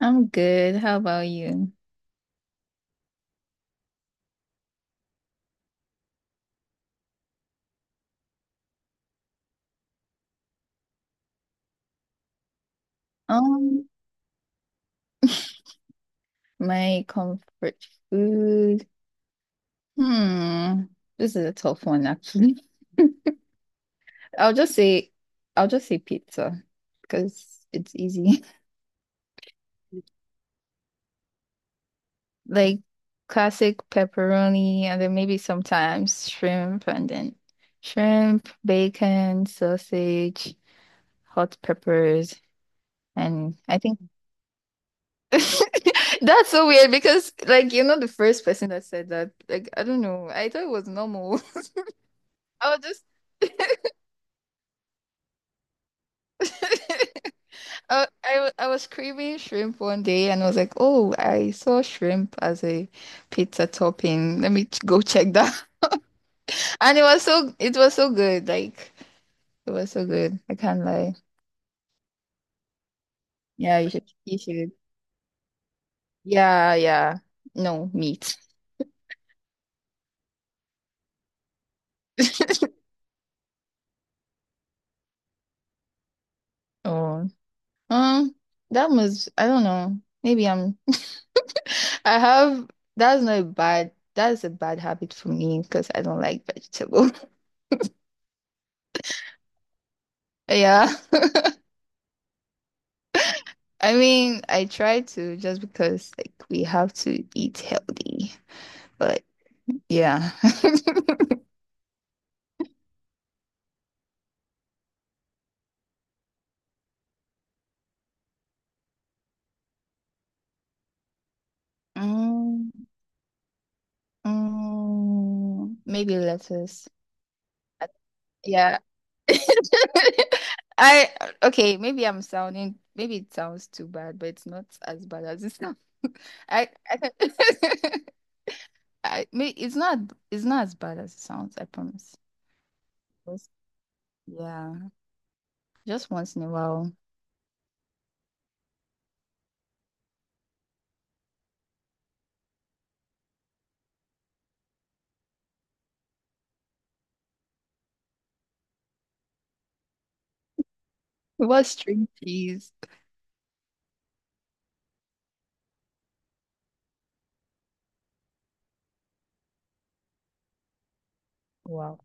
I'm good. How about you? Um, my comfort food. Hmm. This is a tough one, actually. I'll just say, I'll just say pizza because it's easy. Like classic pepperoni, and then maybe sometimes shrimp, and then shrimp, bacon, sausage, hot peppers, and I think. That's so weird because, like, you're not the first person that said that. Like, I don't know. I thought it was normal. I was just. I was craving shrimp one day and I was like, oh, I saw shrimp as a pizza topping. Let me go check that. And it was so good. Like it was so good. I can't lie. Yeah, you should, you should. Yeah, yeah. No meat. Oh. Um, that was, I don't know. Maybe I'm I have that's not a bad that is a bad habit for me because I don't like vegetable. Yeah. I mean, I try to just because like we have to eat healthy, but yeah. Mm, mm, maybe lettuce. I- Yeah. I okay, maybe I'm sounding maybe it sounds too bad, but it's not as bad as it sounds. I, I, can- I it's not, it's not as bad as it sounds, I promise. Just- yeah, just once in a while. It was string cheese. Wow.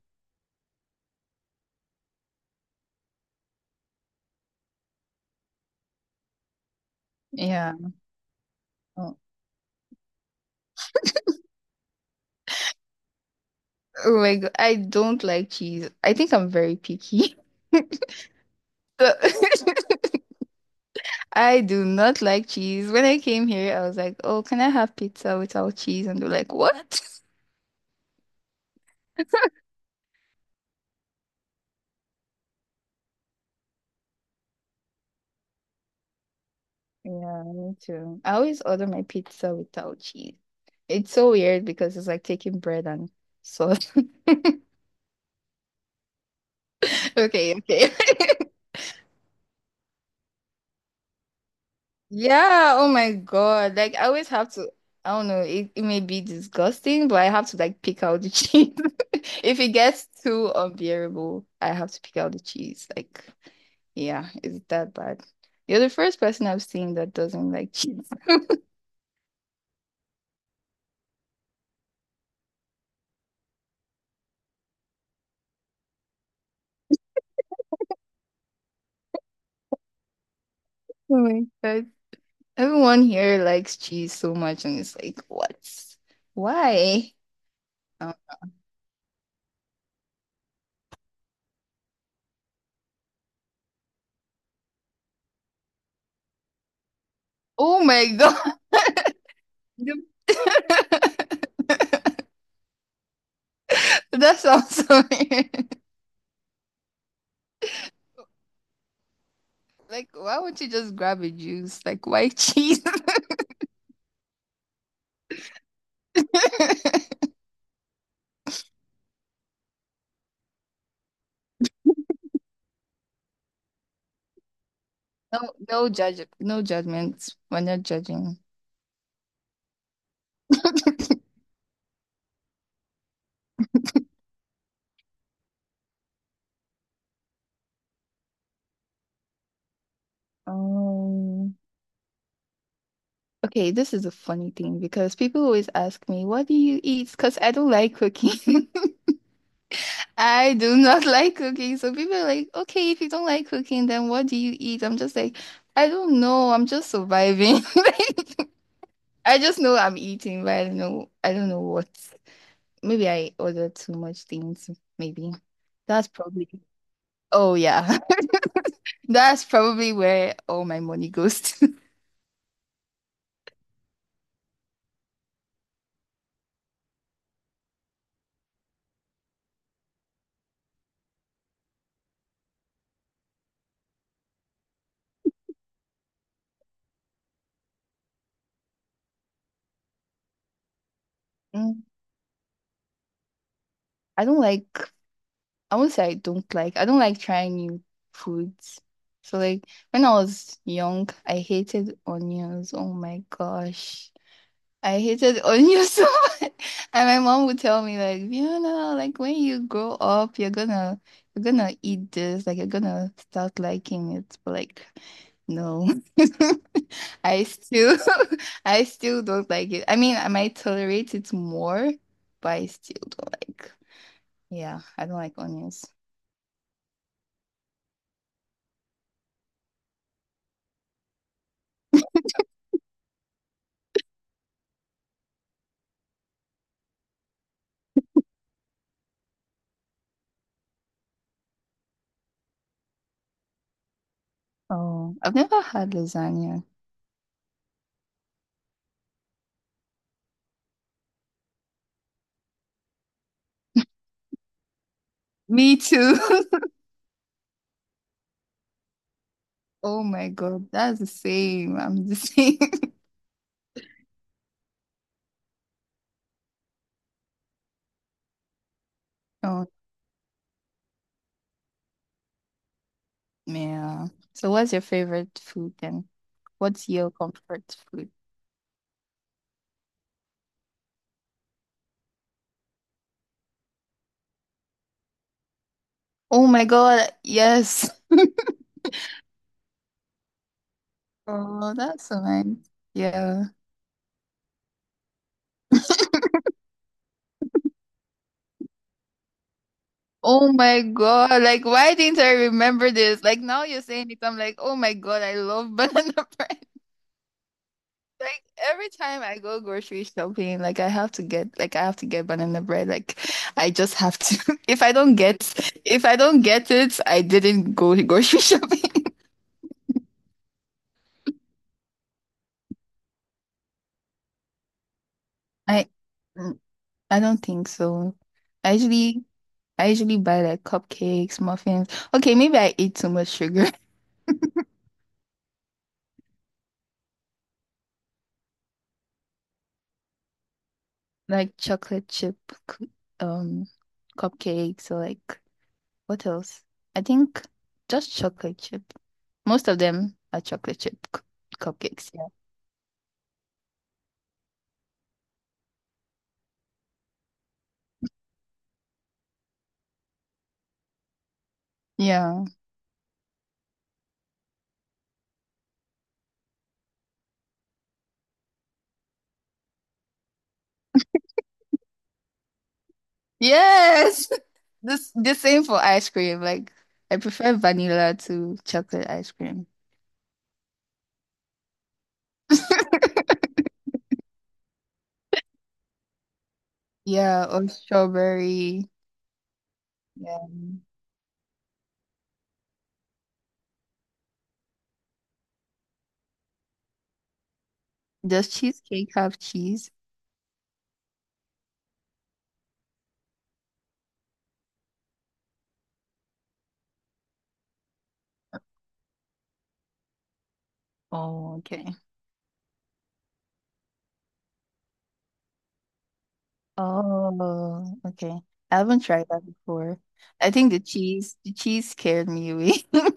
Yeah. Oh my God, I don't like cheese. I think I'm very picky. So I do not like cheese. When I came here, I was like, "Oh, can I have pizza without cheese?" And they're like, "What?" Yeah, me too. I always order my pizza without cheese. It's so weird because it's like taking bread and sauce. Okay, okay. Yeah, oh my God. Like I always have to, I don't know, it may be disgusting, but I have to like pick out the cheese. If it gets too unbearable, I have to pick out the cheese. Like, yeah, is it that bad? You're the first person I've seen that doesn't like cheese. Oh my God. Everyone here likes cheese so much, and it's like, what? Why? Um, oh my God. The- That sounds so weird. Like, why would you just grab a juice? Like white cheese? No, no judgment. We're not judging. Um, okay, this is a funny thing because people always ask me, "What do you eat?" Because I don't like cooking. I do not like cooking. So people are like, "Okay, if you don't like cooking, then what do you eat?" I'm just like, I don't know. I'm just surviving. Like, I just know I'm eating, but I don't know. I don't know what. Maybe I order too much things. Maybe That's probably. Oh yeah. That's probably where all my money goes to. Mm, I don't like, I don't like trying new foods. So like when I was young, I hated onions. Oh my gosh. I hated onion so much. And my mom would tell me like, Fiona, like when you grow up, you're gonna eat this, like you're gonna start liking it. But like, no. I still I still don't like it. I mean, I might tolerate it more, but I still don't like. Yeah, I don't like onions. Oh, I've never had lasagna. Me too. Oh my God, that's the same. I'm the same. Oh. Yeah. So what's your favorite food then? What's your comfort food? Oh my God, yes. Oh, that's so nice. Yeah. Oh my God, like why didn't I remember this? Like now you're saying it, I'm like, oh my God, I love banana bread. Like every time I go grocery shopping, like I have to get banana bread. Like I just have to. If I don't get it, I didn't go grocery shopping. I I don't think so. I usually I usually buy like cupcakes, muffins. Okay, maybe I eat too much sugar. Like chocolate chip cu- um cupcakes or like what else? I think just chocolate chip. Most of them are chocolate chip cupcakes. Yeah. Yeah. Yes. This the same for ice cream. Like I prefer vanilla to chocolate ice cream. Yeah, or strawberry. Yeah. Does cheesecake have cheese? Oh, okay. Oh, okay. I haven't tried that before. I think the cheese scared me away.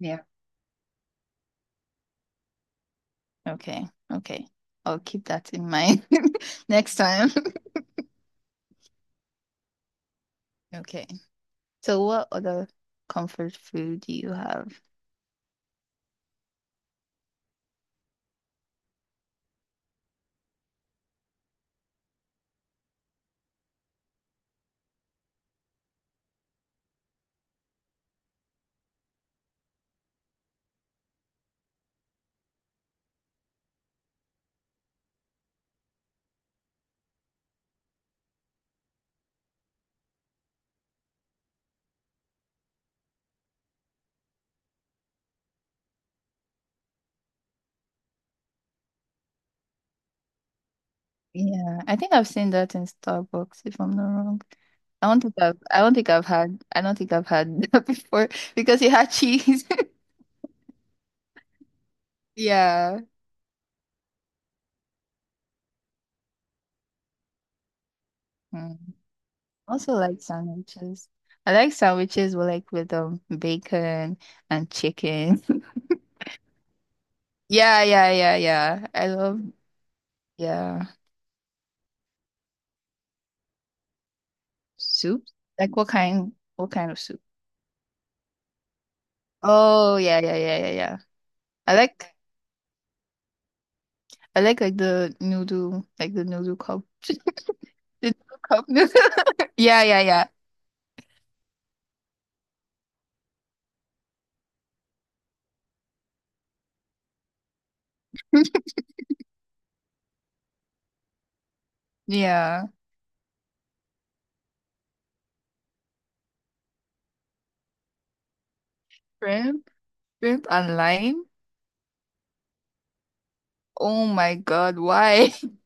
Yeah. Okay. Okay. I'll keep that in mind next time. Okay. So what other comfort food do you have? Yeah, I think I've seen that in Starbucks, if I'm not wrong. I don't think I've had that before because it had cheese. Yeah. Mm. I also like sandwiches. I like sandwiches with with bacon and chicken. Yeah, yeah, yeah, yeah. I love yeah. Soup? Like what kind of soup? Oh yeah, yeah, yeah, yeah, yeah. I like I like the noodle cup. The noodle cup noodle. Yeah, yeah, yeah. Yeah. Shrimp, shrimp and lime. Oh my God, why?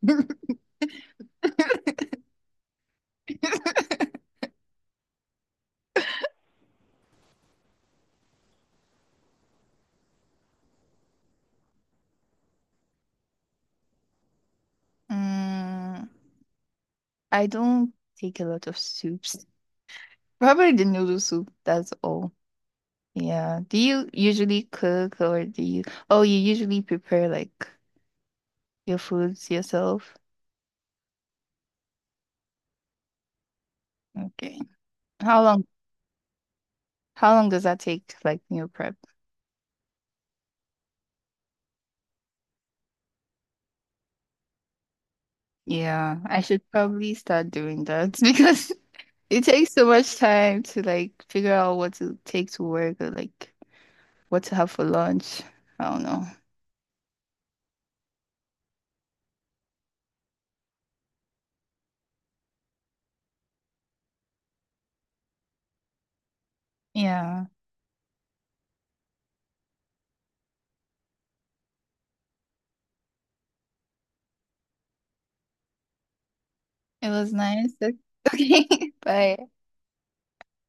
Mm, I don't take a lot of soups. Probably the noodle soup, that's all. Yeah. Do you usually cook or do you, oh, you usually prepare like your foods yourself? Okay. How long, how long does that take, like meal prep? Yeah, I should probably start doing that because it takes so much time to like figure out what to take to work or like what to have for lunch. I don't know. Yeah. It was nice. Okay. Bye.